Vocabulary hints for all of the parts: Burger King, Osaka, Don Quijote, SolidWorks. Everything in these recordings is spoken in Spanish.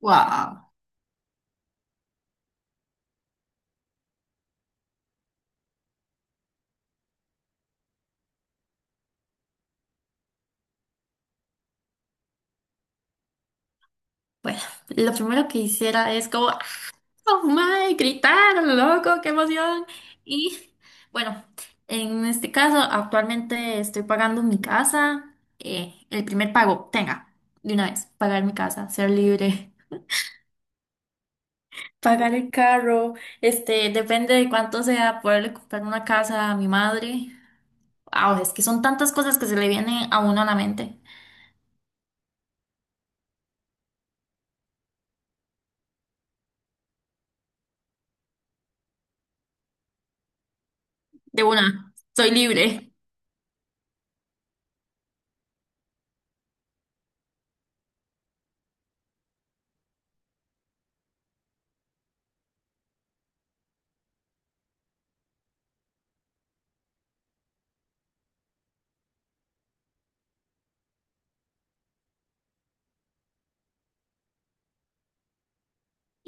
Wow. Bueno, lo primero que hiciera es como, "Ah, oh my", gritar, loco, qué emoción. Y bueno, en este caso, actualmente estoy pagando mi casa, el primer pago, tenga, de una vez, pagar mi casa, ser libre, pagar el carro, depende de cuánto sea, poderle comprar una casa a mi madre. Wow, es que son tantas cosas que se le vienen a uno a la mente. De una, soy libre.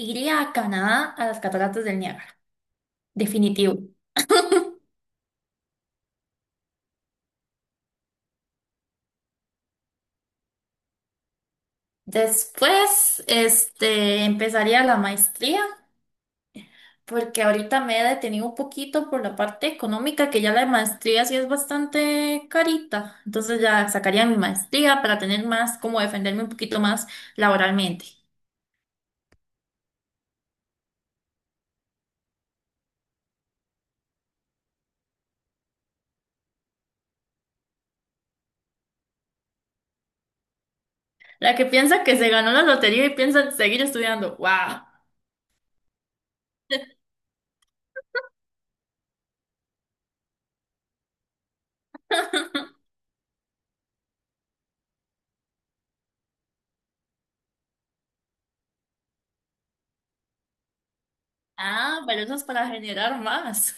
Iría a Canadá a las cataratas del Niágara. Definitivo. Después, empezaría la maestría, porque ahorita me he detenido un poquito por la parte económica, que ya la maestría sí es bastante carita. Entonces ya sacaría mi maestría para tener más, como defenderme un poquito más laboralmente. La que piensa que se ganó la lotería y piensa seguir estudiando. ¡Wow! Ah, pero eso es para generar más.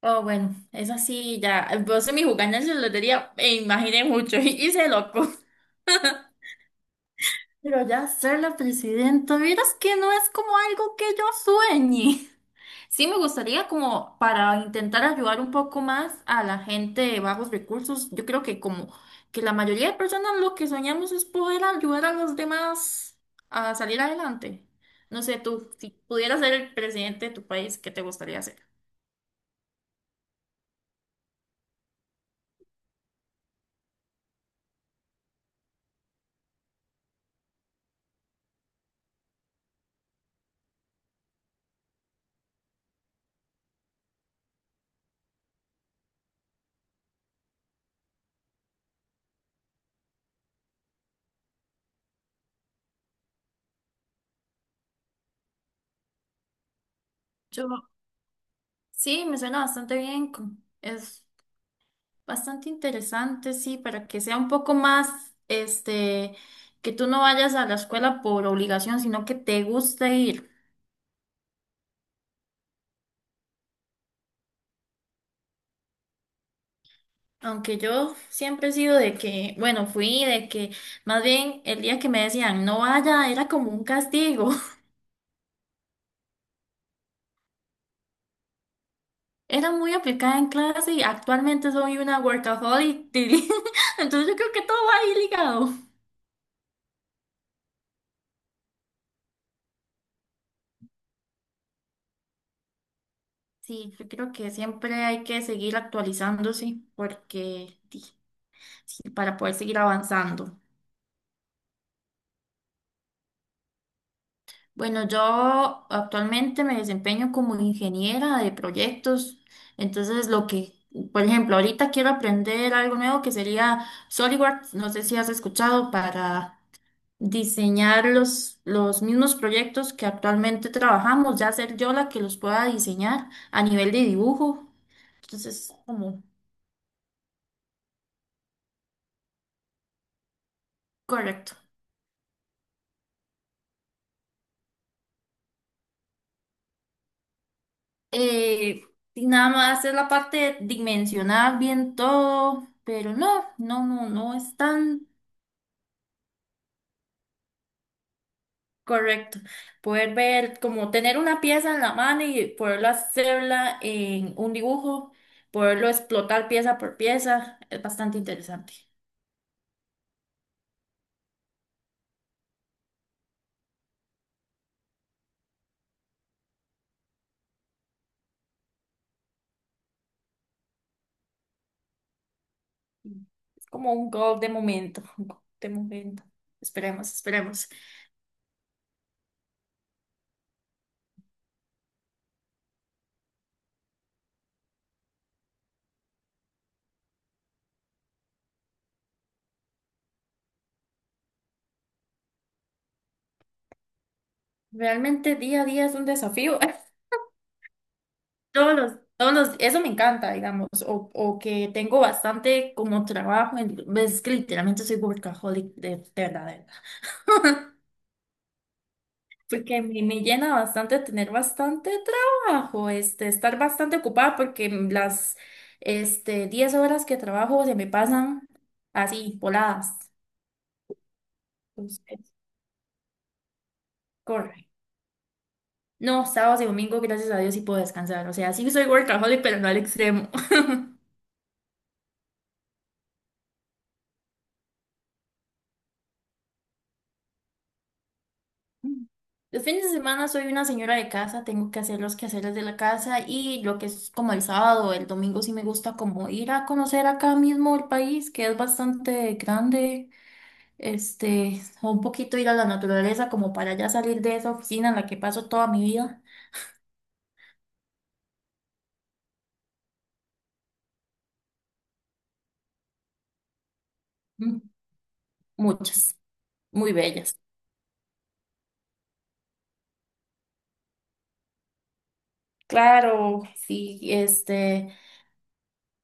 Oh, bueno, eso sí, ya. Vos en mi jugada en la lotería me imaginé mucho y hice loco. Pero ya ser la presidenta, vieras que no es como algo que yo sueñe. Sí me gustaría como para intentar ayudar un poco más a la gente de bajos recursos. Yo creo que como que la mayoría de personas lo que soñamos es poder ayudar a los demás a salir adelante. No sé, tú, si pudieras ser el presidente de tu país, ¿qué te gustaría hacer? Yo, sí, me suena bastante bien. Es Bastante interesante, sí, para que sea un poco más, este, que tú no vayas a la escuela por obligación, sino que te guste ir. Aunque yo siempre he sido de que, bueno, más bien el día que me decían no vaya era como un castigo. Era muy aplicada en clase y actualmente soy una workaholic. Entonces yo creo que todo va ahí ligado. Sí, yo creo que siempre hay que seguir actualizándose porque, sí, para poder seguir avanzando. Bueno, yo actualmente me desempeño como ingeniera de proyectos, entonces lo que, por ejemplo, ahorita quiero aprender algo nuevo que sería SolidWorks, no sé si has escuchado, para diseñar los mismos proyectos que actualmente trabajamos, ya ser yo la que los pueda diseñar a nivel de dibujo, entonces como correcto. Eh, y nada más es la parte de dimensionar bien todo, pero no es tan... Correcto. Poder ver, como tener una pieza en la mano y poderlo hacerla en un dibujo, poderlo explotar pieza por pieza, es bastante interesante. Es como un gol de momento, un gol de momento. Esperemos, esperemos. Realmente día a día es un desafío. Eso me encanta, digamos, o que tengo bastante como trabajo, en, es que literalmente soy workaholic de verdad. Porque me llena bastante tener bastante trabajo, estar bastante ocupada porque 10 horas que trabajo se me pasan así, voladas. Entonces, corre. No, sábados y domingo, gracias a Dios, sí puedo descansar. O sea, sí soy workaholic, pero no al extremo. Los fines de semana soy una señora de casa, tengo que hacer los quehaceres de la casa y lo que es como el sábado, el domingo sí me gusta como ir a conocer acá mismo el país, que es bastante grande. O un poquito ir a la naturaleza como para ya salir de esa oficina en la que paso toda mi vida. Mm, muchas, muy bellas. Claro, sí, este,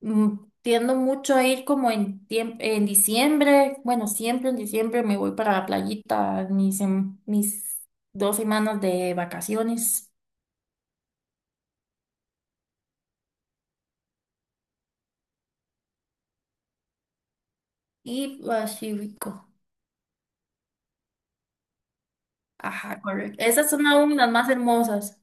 mm, tiendo mucho a ir como en en diciembre, bueno, siempre en diciembre me voy para la playita, mis 2 semanas de vacaciones y Pacífico. Ajá, correcto. Esas son aún las más hermosas.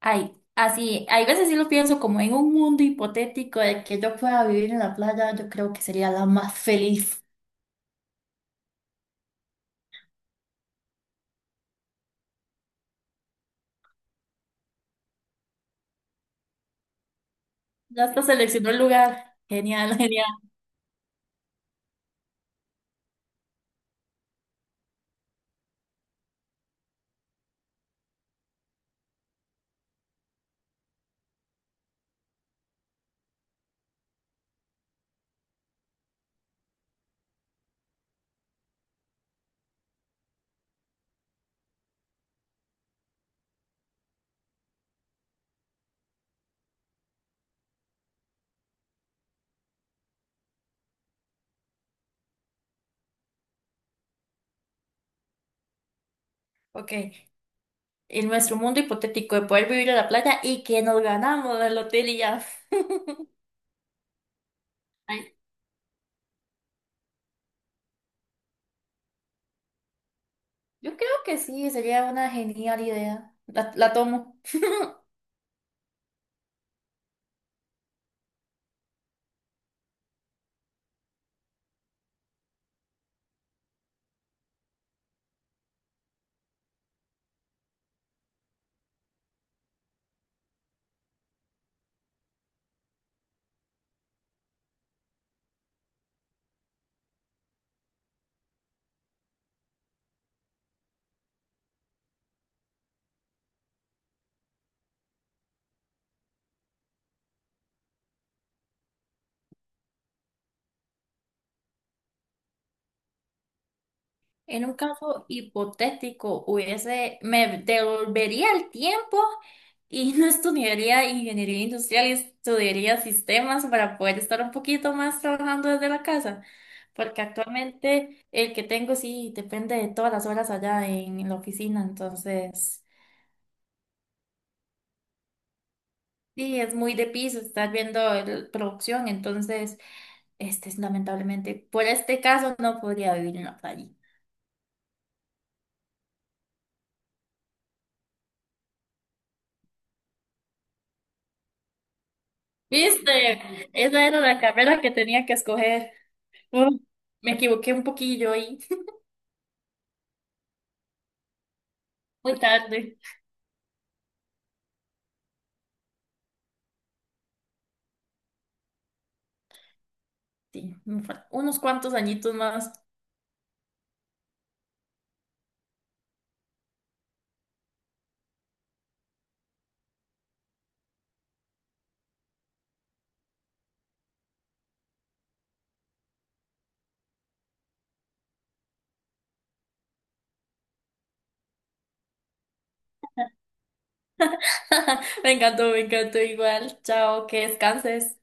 Ay, así, hay veces sí lo pienso como en un mundo hipotético de que yo pueda vivir en la playa, yo creo que sería la más feliz. Ya hasta seleccionó el lugar. Genial, genial. Ok, en nuestro mundo hipotético de poder vivir en la playa y que nos ganamos el hotel y ya. Yo creo que sí, sería una genial idea. La tomo. En un caso hipotético, hubiese, me devolvería el tiempo y no estudiaría ingeniería industrial y estudiaría sistemas para poder estar un poquito más trabajando desde la casa. Porque actualmente el que tengo sí depende de todas las horas allá en la oficina, entonces sí, es muy de piso estar viendo producción, entonces este es lamentablemente, por este caso no podría vivir en la playa. ¿Viste? Esa era la carrera que tenía que escoger. Uh, me equivoqué un poquillo ahí. Muy tarde. Sí, unos cuantos añitos más. Me encantó igual. Chao, que descanses.